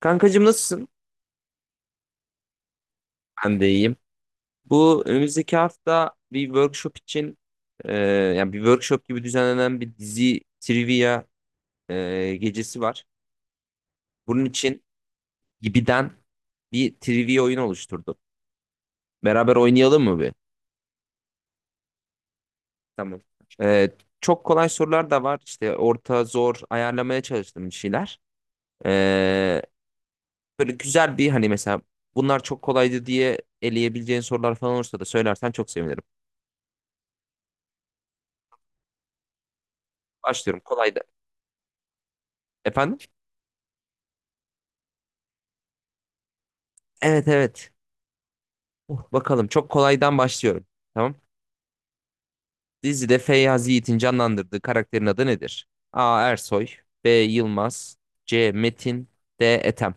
Kankacığım nasılsın? Ben de iyiyim. Bu önümüzdeki hafta bir workshop için yani bir workshop gibi düzenlenen bir dizi trivia gecesi var. Bunun için Gibi'den bir trivia oyunu oluşturdum. Beraber oynayalım mı bir? Tamam. E, Çok kolay sorular da var. İşte orta, zor ayarlamaya çalıştım bir şeyler. E, Böyle güzel bir hani mesela bunlar çok kolaydı diye eleyebileceğin sorular falan olursa da söylersen çok sevinirim. Başlıyorum. Kolay da. Efendim? Evet, evet. Oh, bakalım çok kolaydan başlıyorum. Tamam. Dizide Feyyaz Yiğit'in canlandırdığı karakterin adı nedir? A. Ersoy B. Yılmaz C. Metin D. Ethem.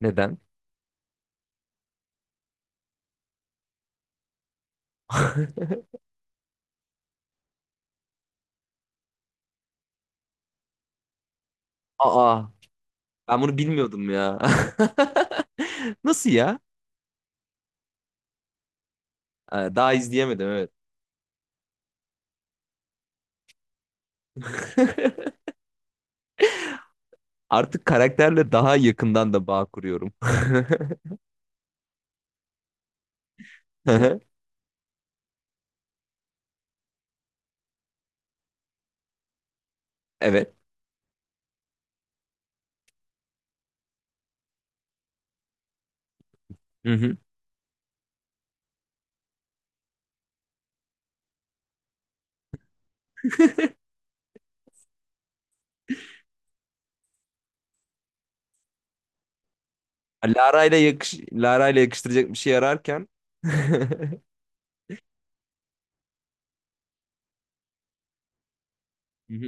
Neden? Aa, ben bunu bilmiyordum ya. Nasıl ya? Daha izleyemedim, evet. Artık karakterle daha yakından da bağ kuruyorum. Evet. Hı hı. Lara ile yakıştıracak bir şey ararken. Hı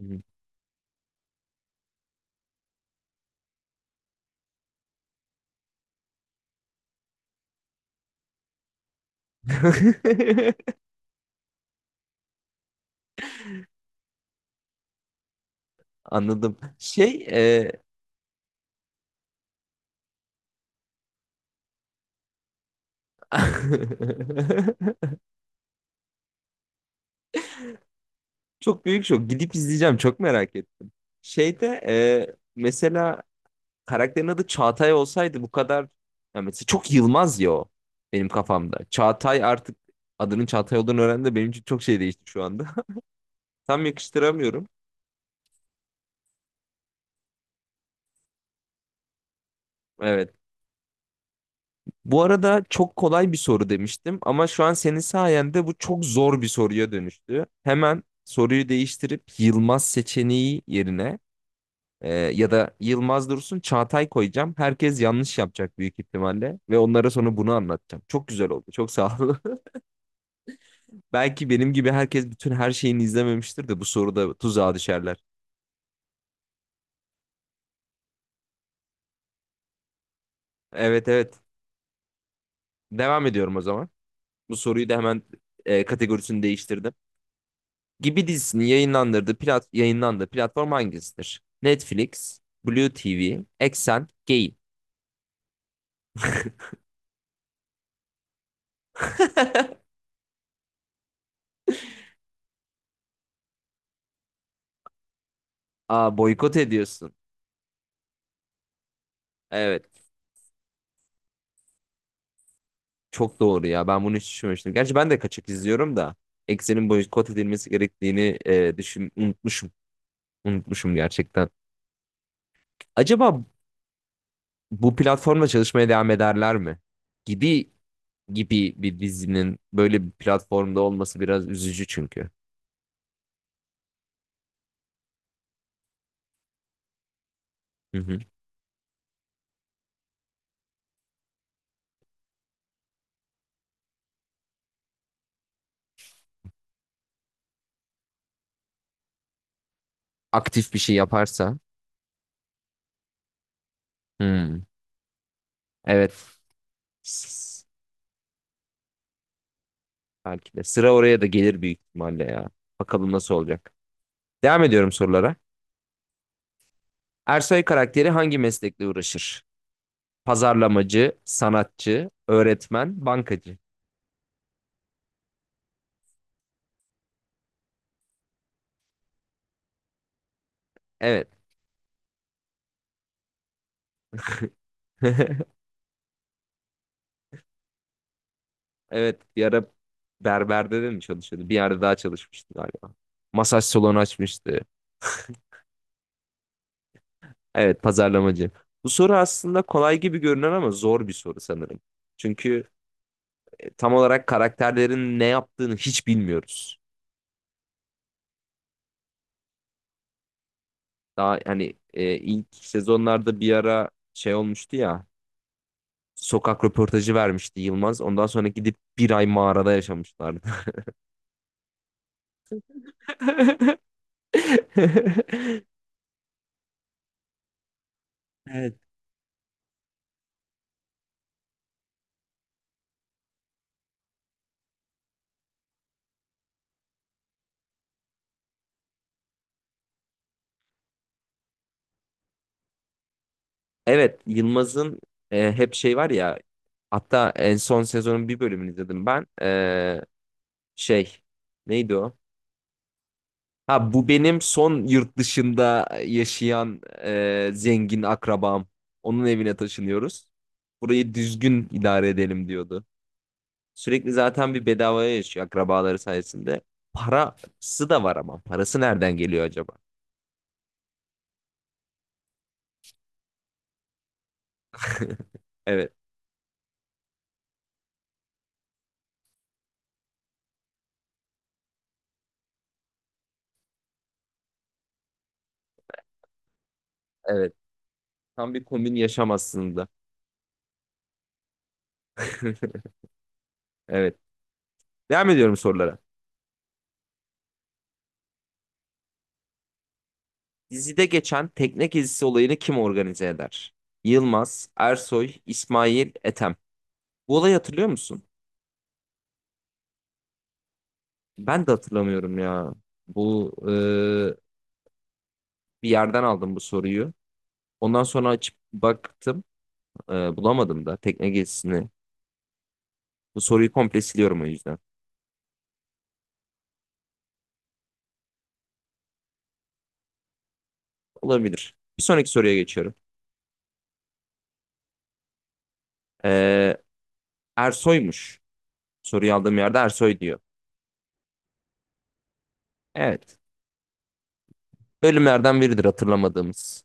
hı. Anladım. Çok büyük şok. Gidip izleyeceğim. Çok merak ettim. Şeyde mesela karakterin adı Çağatay olsaydı bu kadar ya mesela çok Yılmaz ya o benim kafamda. Çağatay artık adının Çağatay olduğunu öğrendim de benim için çok şey değişti şu anda. Tam yakıştıramıyorum. Evet. Bu arada çok kolay bir soru demiştim ama şu an senin sayende bu çok zor bir soruya dönüştü. Hemen soruyu değiştirip Yılmaz seçeneği yerine ya da Yılmaz Dursun Çağatay koyacağım. Herkes yanlış yapacak büyük ihtimalle ve onlara sonra bunu anlatacağım. Çok güzel oldu. Çok sağ ol. Belki benim gibi herkes bütün her şeyini izlememiştir de bu soruda tuzağa düşerler. Evet, evet. Devam ediyorum o zaman. Bu soruyu da hemen kategorisini değiştirdim. Gibi dizisini yayınlandırdığı plat yayınlandığı platform hangisidir? Netflix, Blue TV, Exxen, Gay. Aa, boykot ediyorsun. Evet. Çok doğru ya. Ben bunu hiç düşünmemiştim. Gerçi ben de kaçak izliyorum da Exxen'in boykot edilmesi gerektiğini e, düşün unutmuşum. Unutmuşum gerçekten. Acaba bu platformla çalışmaya devam ederler mi? Gibi gibi bir dizinin böyle bir platformda olması biraz üzücü çünkü. Hı hı. Aktif bir şey yaparsa. Hmm. Evet. Belki de. Sıra oraya da gelir büyük ihtimalle ya. Bakalım nasıl olacak. Devam ediyorum sorulara. Ersoy karakteri hangi meslekle uğraşır? Pazarlamacı, sanatçı, öğretmen, bankacı. Evet. Evet. Bir ara berberde de mi çalışıyordu? Bir yerde daha çalışmıştı galiba. Masaj salonu açmıştı. Evet, pazarlamacı. Bu soru aslında kolay gibi görünen ama zor bir soru sanırım. Çünkü tam olarak karakterlerin ne yaptığını hiç bilmiyoruz. Daha hani ilk sezonlarda bir ara şey olmuştu ya. Sokak röportajı vermişti Yılmaz. Ondan sonra gidip bir ay mağarada yaşamışlardı. Evet. Evet, Yılmaz'ın hep şey var ya. Hatta en son sezonun bir bölümünü izledim ben. Şey neydi o? Ha, bu benim son yurt dışında yaşayan zengin akrabam. Onun evine taşınıyoruz. Burayı düzgün idare edelim diyordu. Sürekli zaten bir bedavaya yaşıyor akrabaları sayesinde. Parası da var ama. Parası nereden geliyor acaba? Evet, evet. Tam bir komün yaşam aslında. Evet. Devam ediyorum sorulara. Dizide geçen tekne gezisi olayını kim organize eder? Yılmaz, Ersoy, İsmail, Ethem. Bu olayı hatırlıyor musun? Ben de hatırlamıyorum ya. Bu bir yerden aldım bu soruyu. Ondan sonra açıp baktım. Bulamadım da tekne gezisini. Bu soruyu komple siliyorum o yüzden. Olabilir. Bir sonraki soruya geçiyorum. Ee, Ersoy'muş. Soruyu aldığım yerde Ersoy diyor. Evet. Bölümlerden biridir hatırlamadığımız.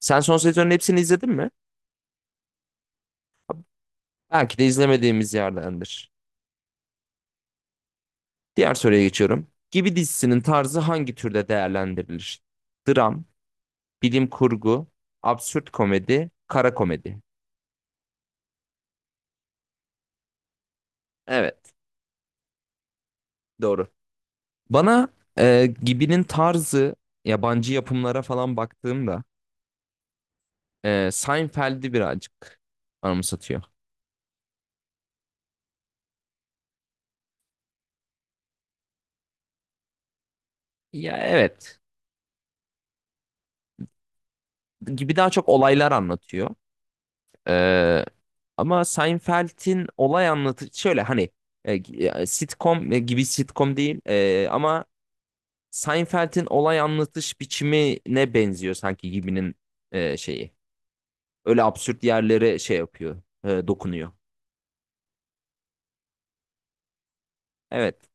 Sen son sezonun hepsini izledin mi? Belki de izlemediğimiz yerdendir. Diğer soruya geçiyorum. Gibi dizisinin tarzı hangi türde değerlendirilir? Dram, bilim kurgu, absürt komedi, kara komedi. Evet, doğru. Bana Gibi'nin tarzı yabancı yapımlara falan baktığımda Seinfeld'i birazcık anımsatıyor. Ya, evet, gibi daha çok olaylar anlatıyor. Ee, Ama Seinfeld'in olay anlatı şöyle hani sitcom gibi sitcom değil, ama Seinfeld'in olay anlatış biçimine benziyor sanki gibinin şeyi. Öyle absürt yerlere şey yapıyor, dokunuyor. Evet,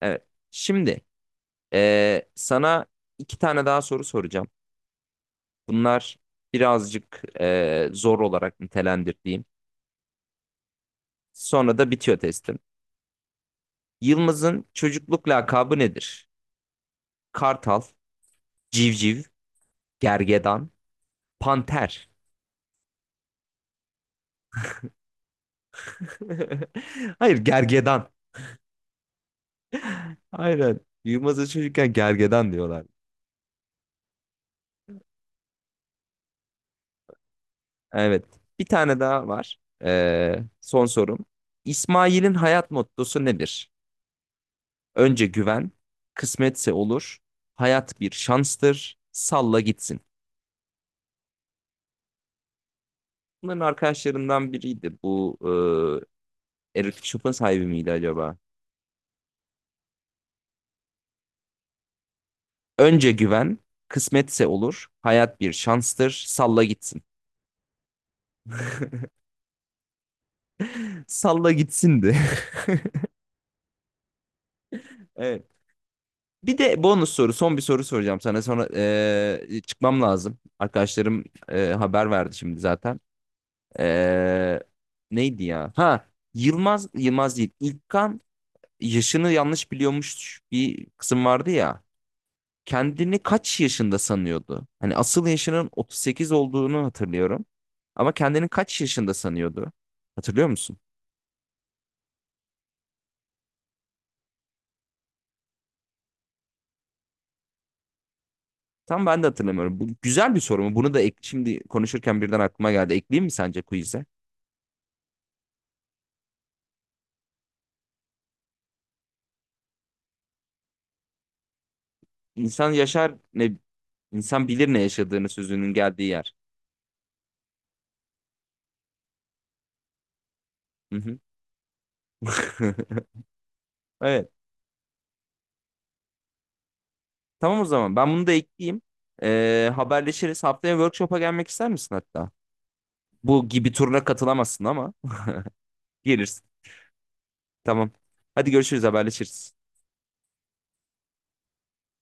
evet. Şimdi sana iki tane daha soru soracağım. Bunlar birazcık zor olarak nitelendirdiğim. Sonra da bitiyor testim. Yılmaz'ın çocukluk lakabı nedir? Kartal, civciv, gergedan, panter. Hayır, gergedan. Aynen. Yılmaz'a çocukken gergedan diyorlar. Evet. Bir tane daha var. Son sorum. İsmail'in hayat mottosu nedir? Önce güven, kısmetse olur, hayat bir şanstır, salla gitsin. Bunların arkadaşlarından biriydi. Bu erotik shop'un sahibi miydi acaba? Önce güven, kısmetse olur. Hayat bir şanstır. Salla gitsin. Salla gitsindi. Evet. Bir de bonus soru, son bir soru soracağım sana. Sonra çıkmam lazım. Arkadaşlarım haber verdi şimdi zaten. Eee, Neydi ya? Ha, Yılmaz, Yılmaz değil. İlkan yaşını yanlış biliyormuş bir kısım vardı ya. Kendini kaç yaşında sanıyordu? Hani asıl yaşının 38 olduğunu hatırlıyorum. Ama kendini kaç yaşında sanıyordu? Hatırlıyor musun? Tam ben de hatırlamıyorum. Bu güzel bir soru mu? Bunu da şimdi konuşurken birden aklıma geldi. Ekleyeyim mi sence quiz'e? İnsan yaşar ne, insan bilir ne yaşadığını sözünün geldiği yer. Hı hı. Evet. Tamam o zaman. Ben bunu da ekleyeyim. Haberleşiriz. Haftaya workshop'a gelmek ister misin hatta? Bu gibi turuna katılamazsın ama gelirsin. Tamam. Hadi görüşürüz, haberleşiriz.